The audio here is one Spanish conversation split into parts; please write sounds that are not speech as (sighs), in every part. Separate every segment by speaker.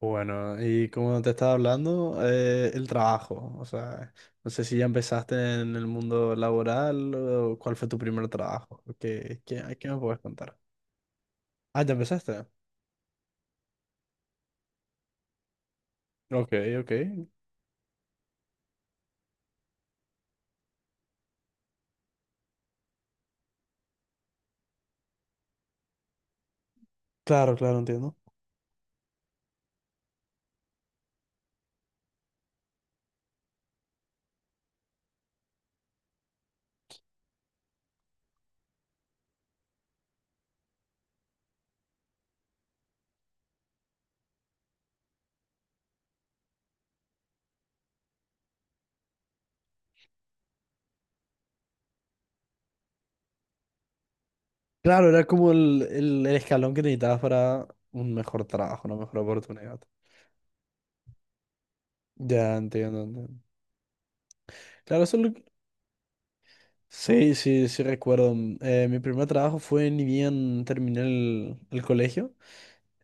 Speaker 1: Bueno, y como te estaba hablando, el trabajo, o sea, no sé si ya empezaste en el mundo laboral o cuál fue tu primer trabajo, ¿qué me puedes contar? Ah, ¿ya empezaste? Ok, ok. Claro, claro, entiendo. Claro, era como el escalón que necesitabas para un mejor trabajo, una mejor oportunidad. Ya, entiendo, entiendo. Claro, eso es lo que- Sí, sí, sí recuerdo. Mm, mi primer trabajo fue ni bien terminé el colegio.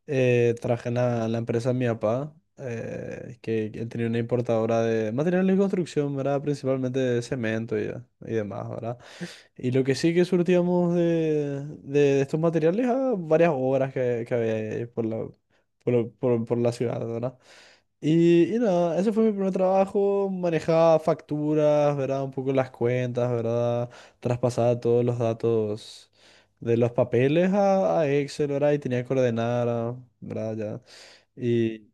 Speaker 1: Traje la, en la empresa de mi papá, que él tenía una importadora de materiales de construcción, ¿verdad? Principalmente de cemento y demás, ¿verdad? Y lo que sí que surtíamos de estos materiales a varias obras que había ahí por la ciudad, ¿verdad? Y nada, ese fue mi primer trabajo, manejaba facturas, ¿verdad? Un poco las cuentas, ¿verdad? Traspasaba todos los datos de los papeles a Excel, ¿verdad? Y tenía que ordenar, ah, ¿verdad? Ya. Y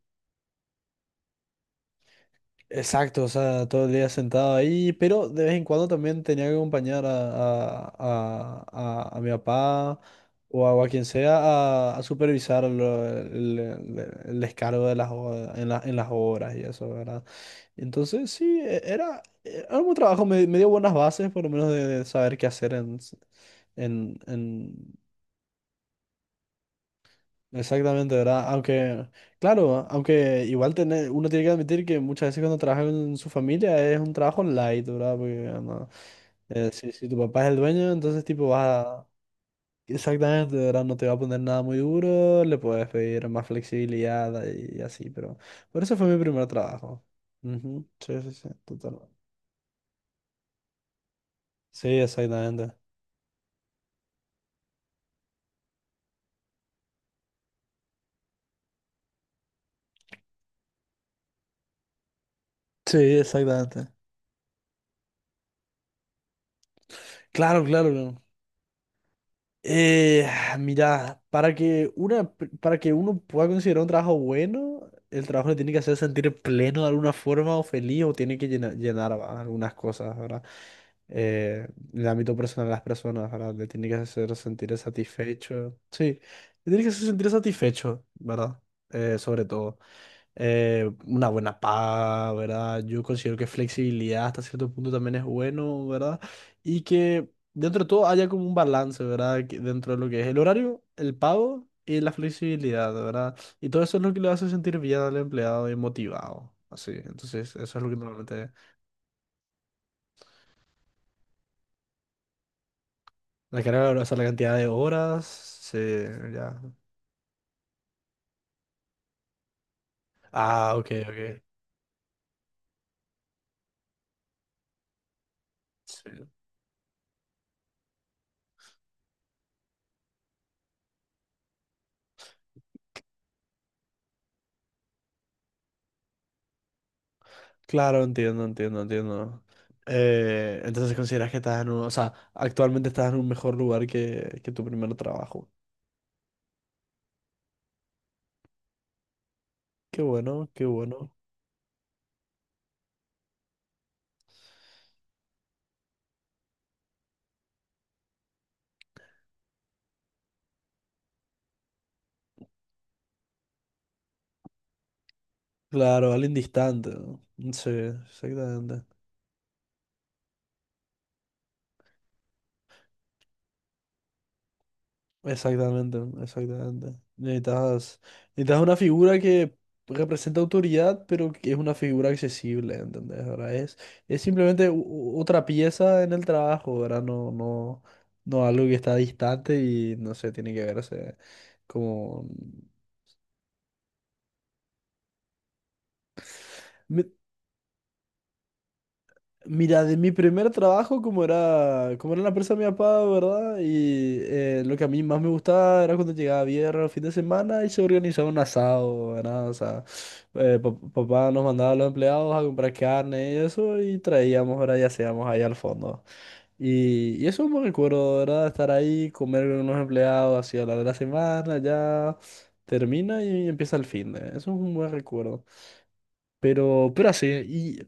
Speaker 1: exacto, o sea, todo el día sentado ahí, pero de vez en cuando también tenía que acompañar a mi papá o a quien sea a supervisar lo- el descargo de las, o- en la- en las obras y eso, ¿verdad? Entonces, sí, era un buen trabajo, me dio buenas bases, por lo menos de saber qué hacer en, s- en- Exactamente, ¿verdad? Aunque, claro, aunque igual uno tiene que admitir que muchas veces cuando trabaja con su familia es un trabajo light, ¿verdad? Porque no, si tu papá es el dueño, entonces tipo vas a... Exactamente, ¿verdad? No te va a poner nada muy duro, le puedes pedir más flexibilidad y, así, pero... Por eso fue mi primer trabajo. Ujú, sí, sí, sí, total. Sí, exactamente. Sí, exactamente. Claro, claro, claro. Eh, (sighs) mira, para que una, para que uno pueda considerar un trabajo bueno, el trabajo le tiene que hacer sentir pleno de alguna forma o feliz o tiene que llenar, ¿verdad? Algunas cosas, ¿verdad? Eh, en el ámbito personal de las personas, ¿verdad? Le tiene que hacer sentir satisfecho. Sí, le tiene que hacer sentir satisfecho, ¿verdad? Sobre todo. Una buena paga, ¿verdad? Yo considero que flexibilidad hasta cierto punto también es bueno, ¿verdad? Y que dentro de todo haya como un balance, ¿verdad? Que dentro de lo que es el horario, el pago y la flexibilidad, ¿verdad? Y todo eso es lo que le hace sentir bien al empleado y motivado. Así, entonces eso es lo que normalmente... La carga, o sea, la cantidad de horas, se... ya. Ah, ok, ok. Sí. Claro, entiendo, entiendo, entiendo. Entonces consideras que estás en un, o sea, actualmente estás en un mejor lugar que tu primer trabajo. Qué bueno, qué bueno. Claro, alguien distante, ¿no? Sí, exactamente. Exactamente, exactamente. Necesitas, necesitas una figura que representa autoridad, pero que es una figura accesible, ¿entendés? Ahora es simplemente otra pieza en el trabajo, ¿verdad? No, no, no algo que está distante y no sé, tiene que verse como... Mira, de mi primer trabajo, como era la empresa de mi papá, ¿verdad? Y lo que a mí más me gustaba era cuando llegaba viernes, fin de semana y se organizaba un asado, ¿verdad? O sea, papá nos mandaba a los empleados a comprar carne y eso y traíamos, ¿verdad? Y hacíamos ahí al fondo. Y eso me recuerdo, ¿verdad? Estar ahí, comer con unos empleados, así a la de la semana, ya termina y empieza el fin de. Eso es un buen recuerdo. Pero así,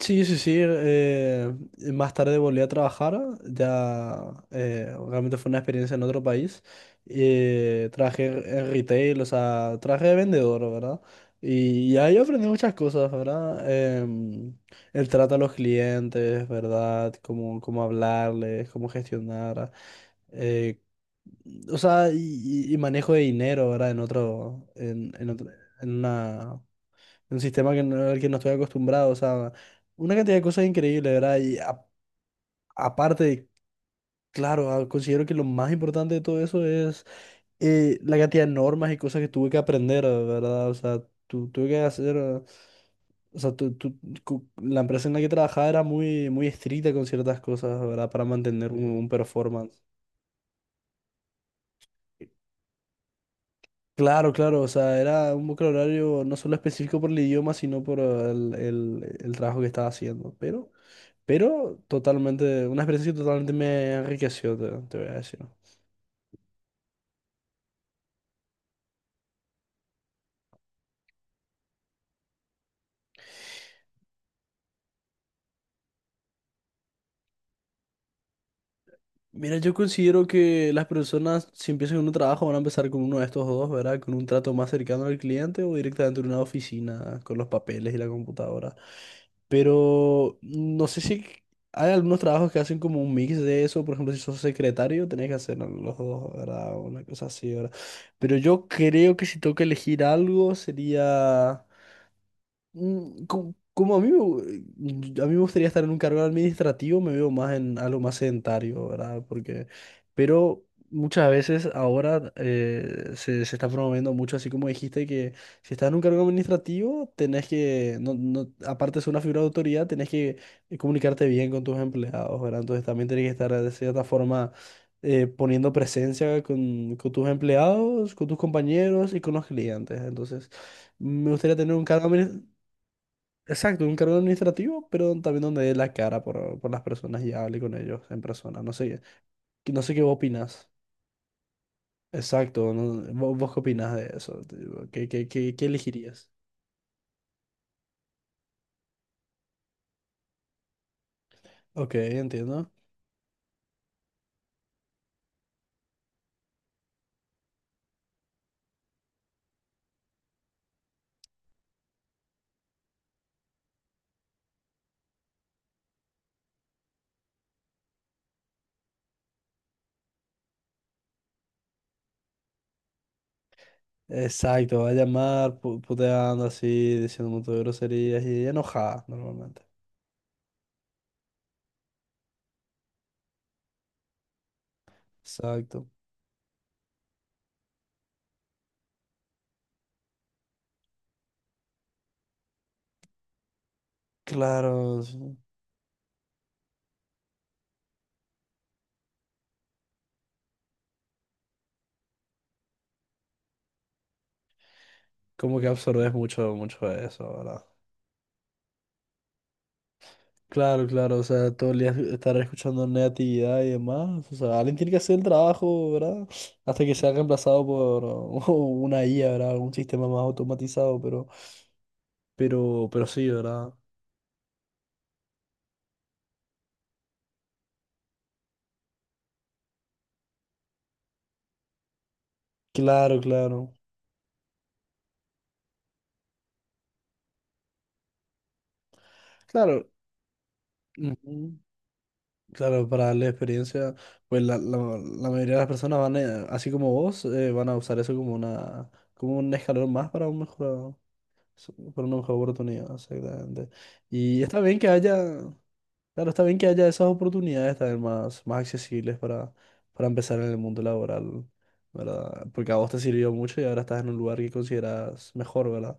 Speaker 1: sí, sí, sí. Más tarde volví a trabajar. Ya realmente fue una experiencia en otro país. Trabajé en retail, o sea, trabajé de vendedor, ¿verdad? Y ahí aprendí muchas cosas, ¿verdad? Em, el trato a los clientes, ¿verdad? Cómo, cómo hablarles, cómo gestionar. eh, o sea, y manejo de dinero, ¿verdad? En otro- en una un sistema que no, al que no estoy acostumbrado, o sea, una cantidad de cosas increíbles, ¿verdad? Y a- aparte, claro, ah, considero que lo más importante de todo eso es la cantidad de normas y cosas que tuve que aprender, ¿verdad? O sea, tuve que hacer... ah, o sea, la empresa en la que trabajaba era muy estricta con ciertas cosas, ¿verdad? Para mantener un performance. Claro, claro, o sea, era un vocabulario no solo específico por el idioma, sino por el trabajo que estaba haciendo. Pero totalmente, una experiencia que totalmente me enriqueció, te voy a decir. Mira, yo considero que las personas, si empiezan con un trabajo, van a empezar con uno de estos dos, ¿verdad? Con un trato más cercano al cliente o directamente en una oficina, con los papeles y la computadora. Pero no sé si hay algunos trabajos que hacen como un mix de eso. Por ejemplo, si sos secretario, tenés que hacer los dos, ¿verdad? Una cosa así, ¿verdad? Pero yo creo que si tengo que elegir algo, sería... Mm, co- Como, a mí, me gu- a mí me gustaría estar en un cargo administrativo, me veo más en algo más sedentario, ¿verdad? Porque, pero muchas veces ahora se está promoviendo mucho, así como dijiste, que si estás en un cargo administrativo, tenés que, no, no, aparte de ser una figura de autoridad, tenés que comunicarte bien con tus empleados, ¿verdad? Entonces también tenés que estar de cierta forma poniendo presencia con tus empleados, con tus compañeros y con los clientes. Entonces, me gustaría tener un cargo administrativo. Exacto, un cargo administrativo, pero también donde dé la cara por las personas y hable con ellos en persona. No sé, qué- no sé qué vos opinás. Exacto, no- ¿Vos qué opinás de eso? Tipo, ¿Qué elegirías? Ok, entiendo. Exacto, va a llamar puteando así, diciendo un montón de groserías y enojada normalmente. Exacto. Claro, sí, como que absorbes mucho, mucho de eso, ¿verdad? Claro, claro, o sea, todo el día estar escuchando negatividad y demás. O sea, alguien tiene que hacer el trabajo, ¿verdad? Hasta que sea reemplazado por (laughs) una IA, ¿verdad? Algún sistema más automatizado, pero sí, ¿verdad? Claro, claro. Claro, ujú. Claro, para la experiencia, pues la mayoría de las personas van, a- así como vos, van a usar eso como una, como un escalón más para un mejor, para una mejor oportunidad, exactamente. Y está bien que haya claro, está bien que haya esas oportunidades también más, más accesibles para empezar en el mundo laboral, ¿verdad? Porque a vos te sirvió mucho y ahora estás en un lugar que consideras mejor, ¿verdad?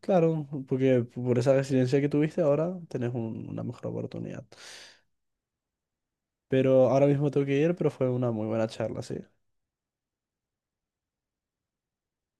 Speaker 1: Claro, porque por esa resiliencia que tuviste ahora tenés un- una mejor oportunidad. Pero ahora mismo tengo que ir, pero fue una muy buena charla, sí.